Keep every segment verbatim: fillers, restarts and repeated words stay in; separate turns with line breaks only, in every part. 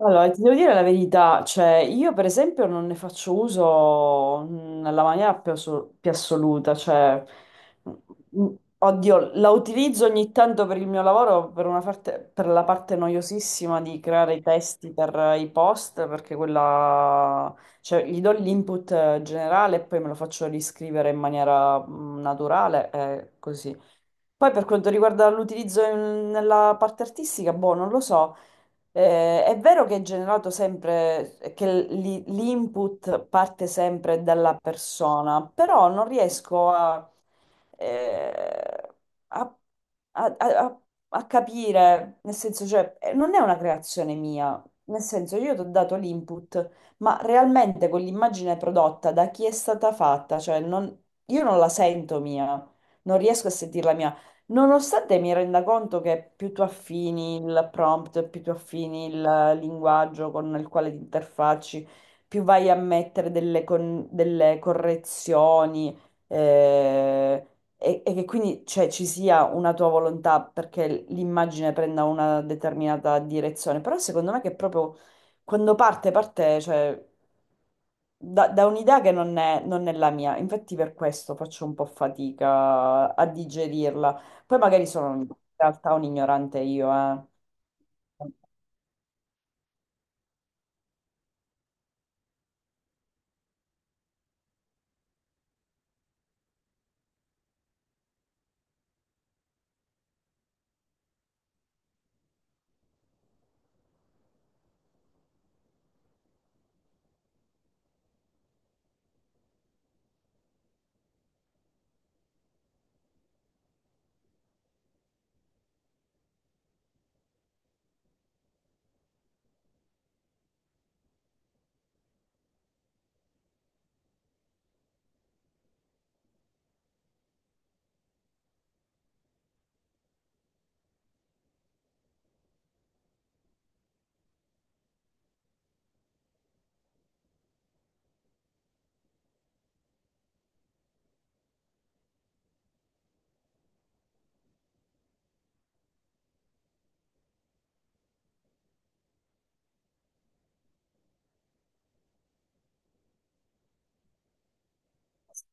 Allora, ti devo dire la verità, cioè io per esempio non ne faccio uso mm, nella maniera più, asso- più assoluta, cioè mm, mm, oddio, la utilizzo ogni tanto per il mio lavoro, per una parte- per la parte noiosissima di creare i testi per eh, i post, perché quella, cioè gli do l'input eh, generale e poi me lo faccio riscrivere in maniera mm, naturale e così. Poi per quanto riguarda l'utilizzo in- nella parte artistica, boh, non lo so. Eh, è vero che è generato sempre, che l- l'input parte sempre dalla persona, però non riesco a, eh, a- a- a- a capire, nel senso, cioè, eh, non è una creazione mia, nel senso, io ti ho dato l'input, ma realmente quell'immagine prodotta da chi è stata fatta, cioè, non- io non la sento mia, non riesco a sentirla mia. Nonostante mi renda conto che più tu affini il prompt, più tu affini il linguaggio con il quale ti interfacci, più vai a mettere delle, con- delle correzioni eh, e, e che quindi cioè, ci sia una tua volontà perché l'immagine prenda una determinata direzione. Però secondo me che proprio quando parte, parte, cioè, da, da un'idea che non è non è la mia. Infatti per questo faccio un po' fatica a digerirla. Poi magari sono in realtà un ignorante io, eh.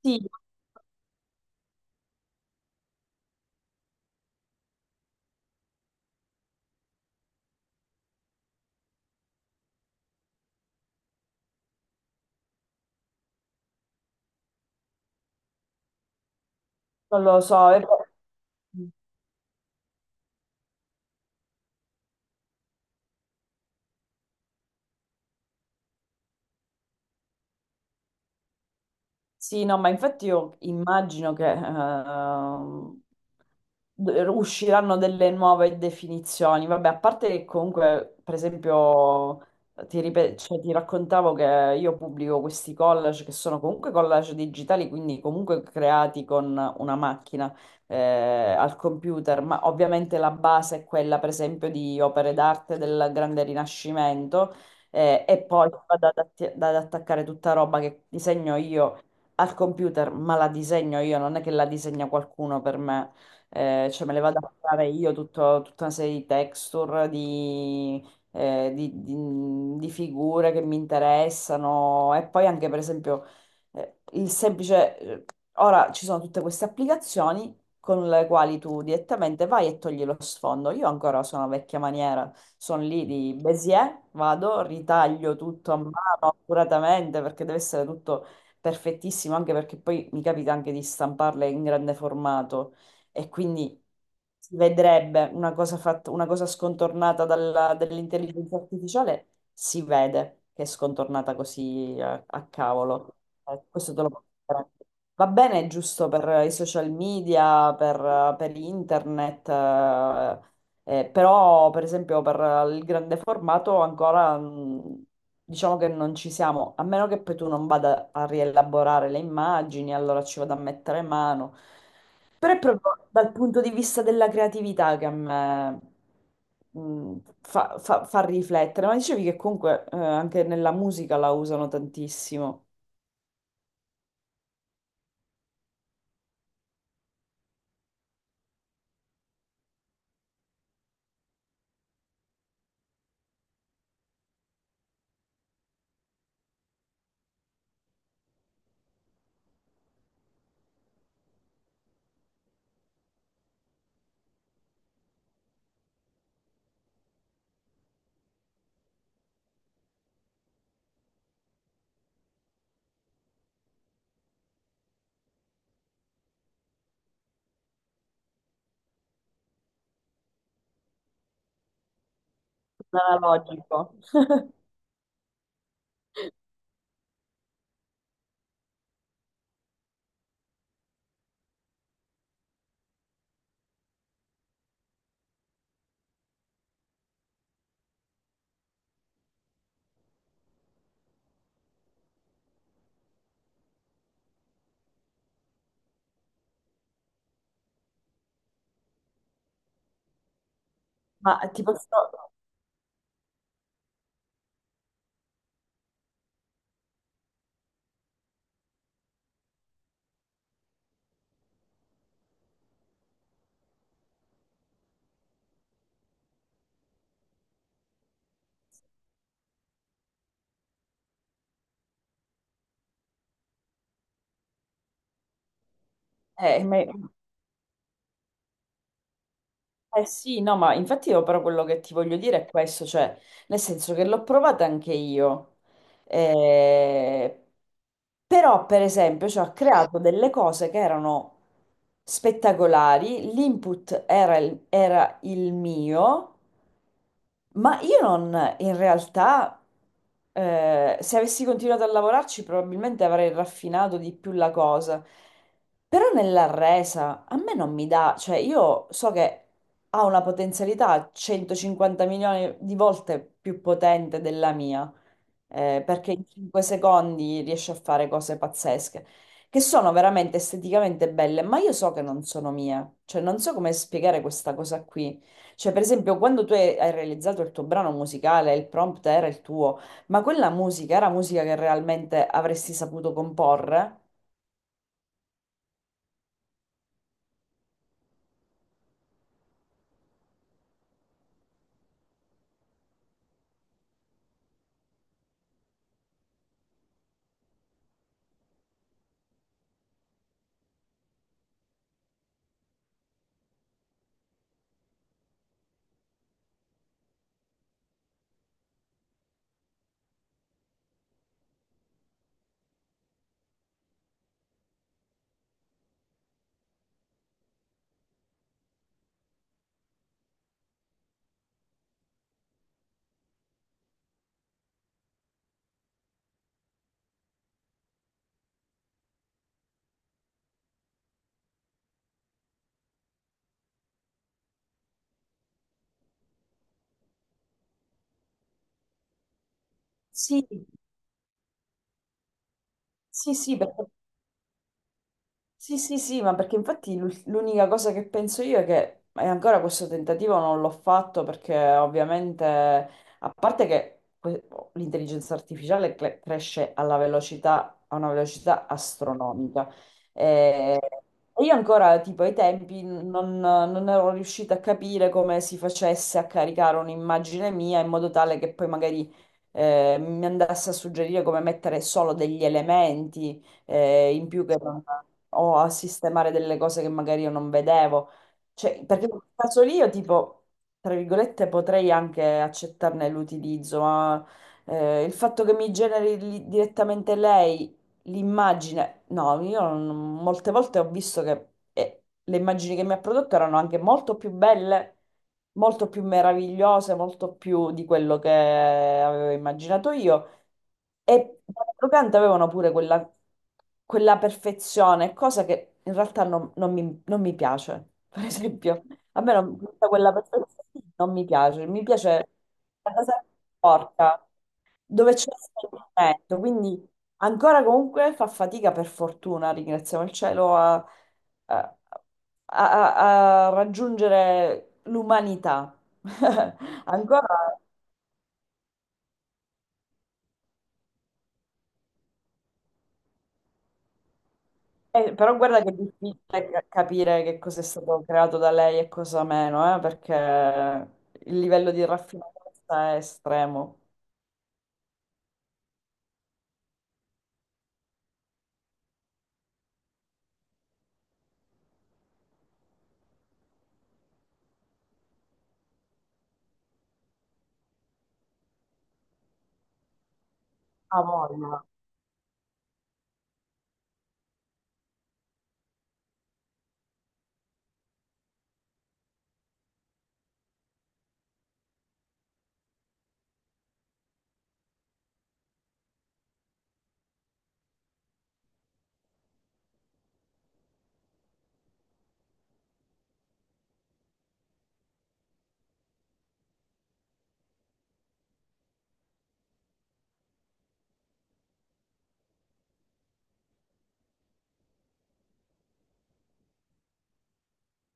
Sì, non lo so. E poi... Sì, no, ma infatti io immagino che ehm, d- usciranno delle nuove definizioni. Vabbè, a parte che comunque, per esempio, ti, ripe- cioè, ti raccontavo che io pubblico questi collage che sono comunque collage digitali, quindi comunque creati con una macchina eh, al computer, ma ovviamente la base è quella, per esempio, di opere d'arte del Grande Rinascimento. Eh, e poi vado ad, atti- ad attaccare tutta roba che disegno io al computer, ma la disegno io, non è che la disegna qualcuno per me. Eh, cioè me le vado a fare io tutto- tutta una serie di texture, di, eh, di- di- di figure che mi interessano e poi anche per esempio eh, il semplice... eh, ora ci sono tutte queste applicazioni con le quali tu direttamente vai e togli lo sfondo. Io ancora sono a vecchia maniera, sono lì di Bézier, vado, ritaglio tutto a mano accuratamente perché deve essere tutto perfettissimo, anche perché poi mi capita anche di stamparle in grande formato e quindi si vedrebbe una cosa fatta, una cosa scontornata dalla- dall'intelligenza artificiale, si vede che è scontornata così a, a cavolo. Eh, questo te lo posso garantire. Va bene, giusto per i social media, per, per internet, eh, eh, però, per esempio, per il grande formato ancora mh, diciamo che non ci siamo, a meno che poi tu non vada a rielaborare le immagini, allora ci vado a mettere mano. Però è proprio dal punto di vista della creatività che a me mh, fa, fa- fa riflettere. Ma dicevi che comunque eh, anche nella musica la usano tantissimo. Analogico. Ma ti posso... eh, ma- eh sì, no, ma infatti io però quello che ti voglio dire è questo, cioè, nel senso che l'ho provata anche io, eh, però, per esempio, ci ha creato delle cose che erano spettacolari, l'input era il, era il mio, ma io non, in realtà, eh, se avessi continuato a lavorarci, probabilmente avrei raffinato di più la cosa. Però nella resa a me non mi dà, cioè io so che ha una potenzialità centocinquanta milioni di volte più potente della mia eh, perché in cinque secondi riesce a fare cose pazzesche, che sono veramente esteticamente belle, ma io so che non sono mie, cioè non so come spiegare questa cosa qui. Cioè, per esempio, quando tu hai hai realizzato il tuo brano musicale, il prompt era il tuo, ma quella musica era musica che realmente avresti saputo comporre? Sì, sì, sì, perché sì, sì, sì, ma perché infatti l'ul- l'unica cosa che penso io è che e ancora questo tentativo non l'ho fatto perché ovviamente, a parte che que- l'intelligenza artificiale cre- cresce alla velocità, a una velocità astronomica, e e io ancora tipo ai tempi non, non ero riuscita a capire come si facesse a caricare un'immagine mia in modo tale che poi magari eh, mi andasse a suggerire come mettere solo degli elementi eh, in più che non- o a sistemare delle cose che magari io non vedevo. Cioè, perché in quel caso lì io tipo, tra virgolette, potrei anche accettarne l'utilizzo, ma eh, il fatto che mi generi li- direttamente lei l'immagine, no, io non- molte volte ho visto che eh, le immagini che mi ha prodotto erano anche molto più belle molto più meravigliose, molto più di quello che avevo immaginato io. E d'altro canto avevano pure quella, quella perfezione, cosa che in realtà non, non mi, non mi piace. Per esempio, a me non, tutta quella perfezione non mi piace. Mi piace la cosa porca, dove c'è l'esperimento. Quindi ancora comunque fa fatica, per fortuna, ringraziamo il cielo, a, a- a- a a raggiungere l'umanità. Ancora eh, però guarda che è difficile ca- capire che cosa è stato creato da lei e cosa meno, eh, perché il livello di raffinatezza è estremo. Ah, voglia.